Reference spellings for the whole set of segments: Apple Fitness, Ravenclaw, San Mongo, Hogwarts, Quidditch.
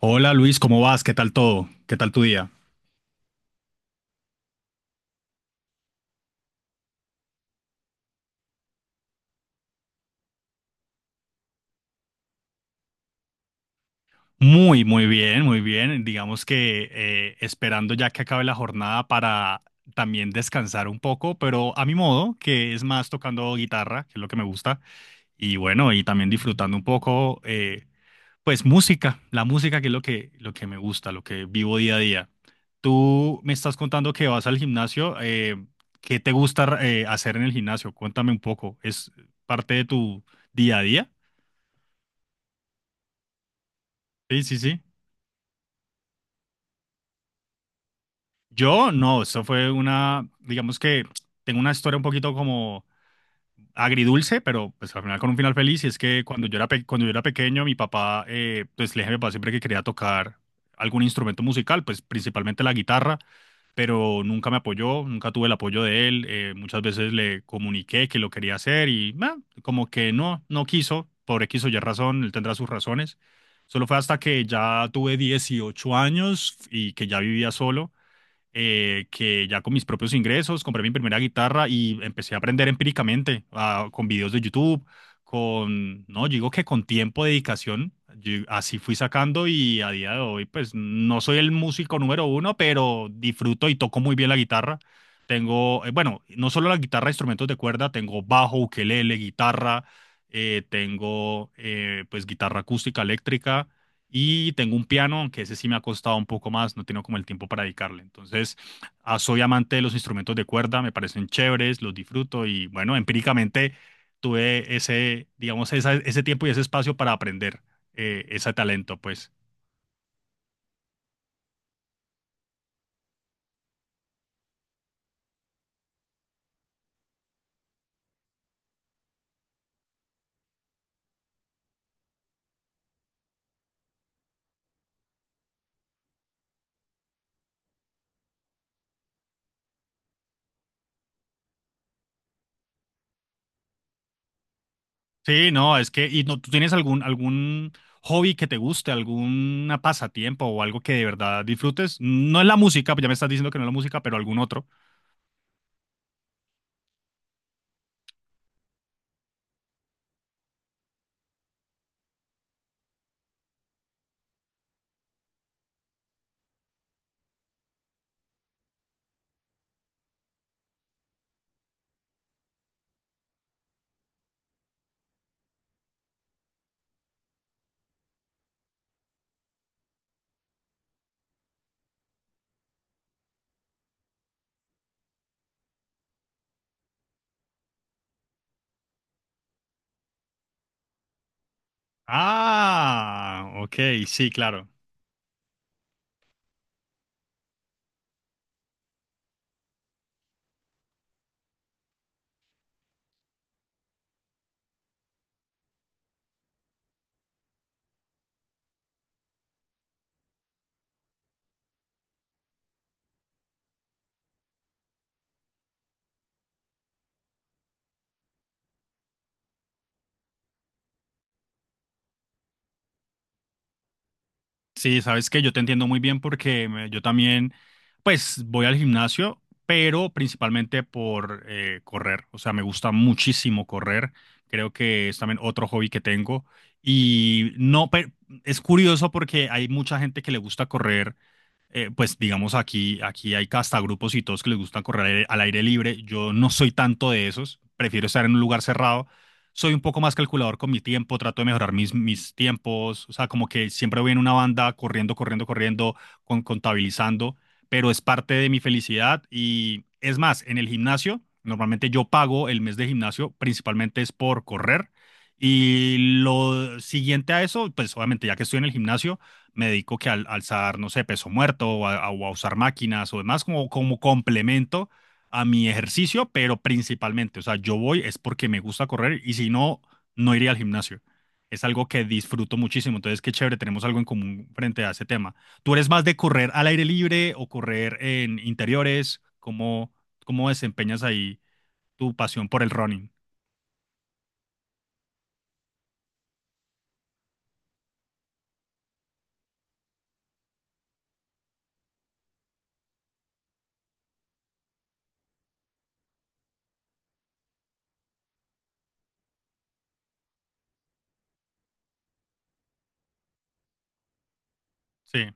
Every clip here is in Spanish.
Hola Luis, ¿cómo vas? ¿Qué tal todo? ¿Qué tal tu día? Muy bien, muy bien. Digamos que esperando ya que acabe la jornada para también descansar un poco, pero a mi modo, que es más tocando guitarra, que es lo que me gusta, y bueno, y también disfrutando un poco, pues música, la música que es lo que me gusta, lo que vivo día a día. Tú me estás contando que vas al gimnasio, ¿qué te gusta hacer en el gimnasio? Cuéntame un poco, ¿es parte de tu día a día? Sí, sí, sí. Yo no, eso fue una, digamos que tengo una historia un poquito como agridulce, pero pues al final con un final feliz. Y es que cuando yo era pequeño, mi papá, pues le dije a mi papá siempre que quería tocar algún instrumento musical, pues principalmente la guitarra, pero nunca me apoyó, nunca tuve el apoyo de él. Muchas veces le comuniqué que lo quería hacer y como que no, no quiso, por X o Y razón, él tendrá sus razones. Solo fue hasta que ya tuve 18 años y que ya vivía solo, que ya con mis propios ingresos compré mi primera guitarra y empecé a aprender empíricamente, con videos de YouTube, con, no, yo digo que con tiempo, dedicación, yo así fui sacando y a día de hoy pues no soy el músico número uno, pero disfruto y toco muy bien la guitarra. Tengo, bueno, no solo la guitarra, instrumentos de cuerda, tengo bajo, ukelele, guitarra, tengo pues guitarra acústica, eléctrica y tengo un piano, que ese sí me ha costado un poco más, no tengo como el tiempo para dedicarle. Entonces, soy amante de los instrumentos de cuerda, me parecen chéveres, los disfruto y bueno, empíricamente tuve ese tiempo y ese espacio para aprender ese talento, pues. Sí, no, es que, y no, ¿tú tienes algún hobby que te guste, alguna pasatiempo o algo que de verdad disfrutes? No es la música, pues ya me estás diciendo que no es la música, pero algún otro. Ah, ok, sí, claro. Sí, sabes que yo te entiendo muy bien yo también, pues, voy al gimnasio, pero principalmente por correr. O sea, me gusta muchísimo correr. Creo que es también otro hobby que tengo. Y no, pe- Es curioso porque hay mucha gente que le gusta correr, pues digamos aquí hay hasta grupos y todos que les gusta correr al aire libre. Yo no soy tanto de esos, prefiero estar en un lugar cerrado. Soy un poco más calculador con mi tiempo, trato de mejorar mis tiempos, o sea, como que siempre voy en una banda corriendo, corriendo, corriendo, contabilizando, pero es parte de mi felicidad y es más, en el gimnasio, normalmente yo pago el mes de gimnasio, principalmente es por correr. Y lo siguiente a eso, pues obviamente ya que estoy en el gimnasio, me dedico que al alzar, no sé, peso muerto o a usar máquinas o demás como, como complemento a mi ejercicio, pero principalmente, o sea, yo voy es porque me gusta correr y si no, no iría al gimnasio. Es algo que disfruto muchísimo, entonces qué chévere, tenemos algo en común frente a ese tema. ¿Tú eres más de correr al aire libre o correr en interiores? ¿Cómo, cómo desempeñas ahí tu pasión por el running? Sí,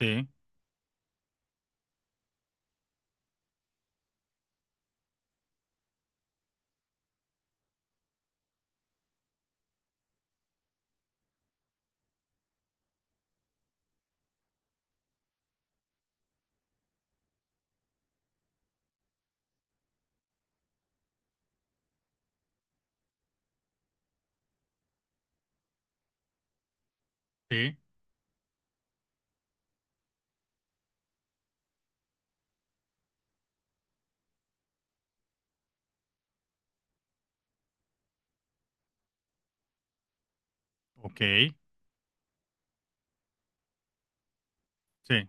sí, sí, ok, sí,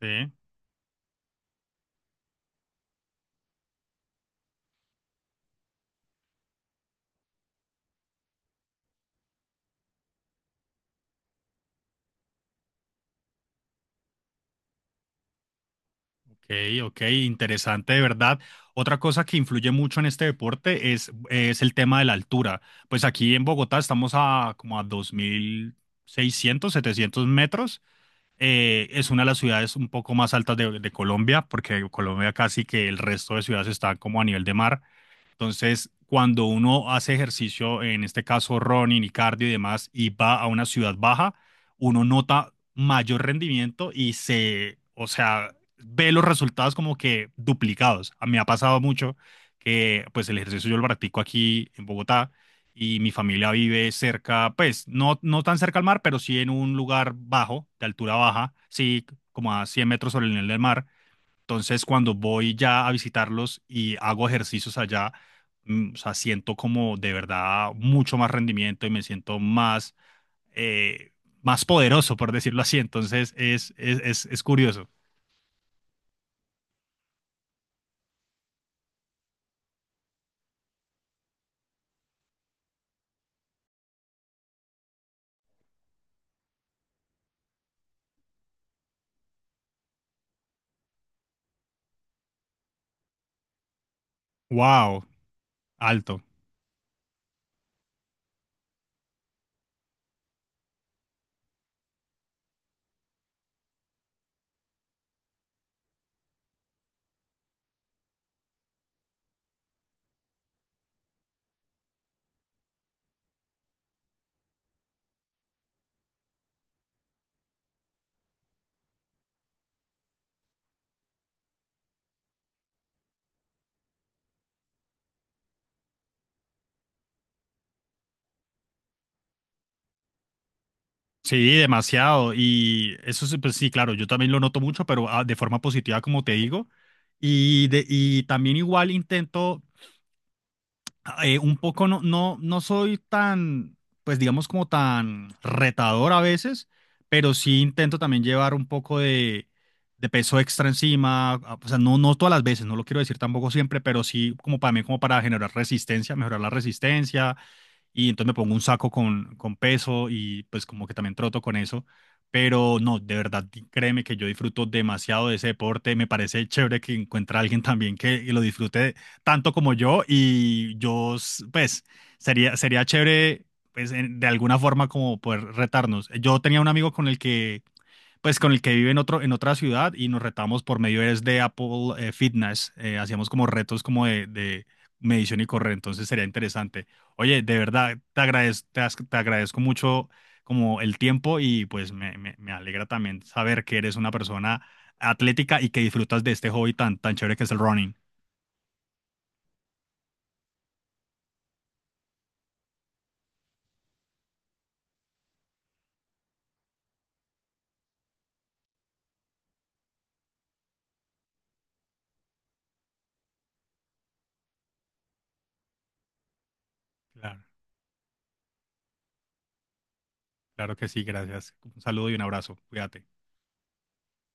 sí. Ok, ok, interesante de verdad. Otra cosa que influye mucho en este deporte es el tema de la altura. Pues aquí en Bogotá estamos a como a 2600, 2700 metros. Es una de las ciudades un poco más altas de Colombia, porque Colombia casi que el resto de ciudades están como a nivel de mar. Entonces, cuando uno hace ejercicio, en este caso running y cardio y demás, y va a una ciudad baja, uno nota mayor rendimiento y se, o sea, ve los resultados como que duplicados. A mí me ha pasado mucho que pues el ejercicio yo lo practico aquí en Bogotá y mi familia vive cerca, pues no, no tan cerca al mar, pero sí en un lugar bajo, de altura baja, sí, como a 100 metros sobre el nivel del mar. Entonces, cuando voy ya a visitarlos y hago ejercicios allá, mm, o sea, siento como de verdad mucho más rendimiento y me siento más, eh, más poderoso, por decirlo así. Entonces, es curioso. Wow, alto. Sí, demasiado. Y eso, sí, pues sí, claro, yo también lo noto mucho, pero de forma positiva, como te digo. Y también igual intento, un poco no, no, no soy tan, pues digamos como tan retador a veces, pero sí intento también llevar un poco de peso extra encima, o sea, no, no todas las veces, no lo quiero decir tampoco siempre, pero sí como para mí, como para generar resistencia, mejorar la resistencia, y entonces me pongo un saco con peso y pues como que también troto con eso. Pero no, de verdad, créeme que yo disfruto demasiado de ese deporte. Me parece chévere que encuentre a alguien también que lo disfrute tanto como yo. Pues, sería chévere, pues, de alguna forma como poder retarnos. Yo tenía un amigo con el que pues con el que vive en otra ciudad y nos retamos por medio es de Apple Fitness. Hacíamos como retos como de medición y correr, entonces sería interesante. Oye, de verdad, te agradezco mucho como el tiempo y pues me alegra también saber que eres una persona atlética y que disfrutas de este hobby tan, tan chévere que es el running. Claro, claro que sí, gracias. Un saludo y un abrazo. Cuídate.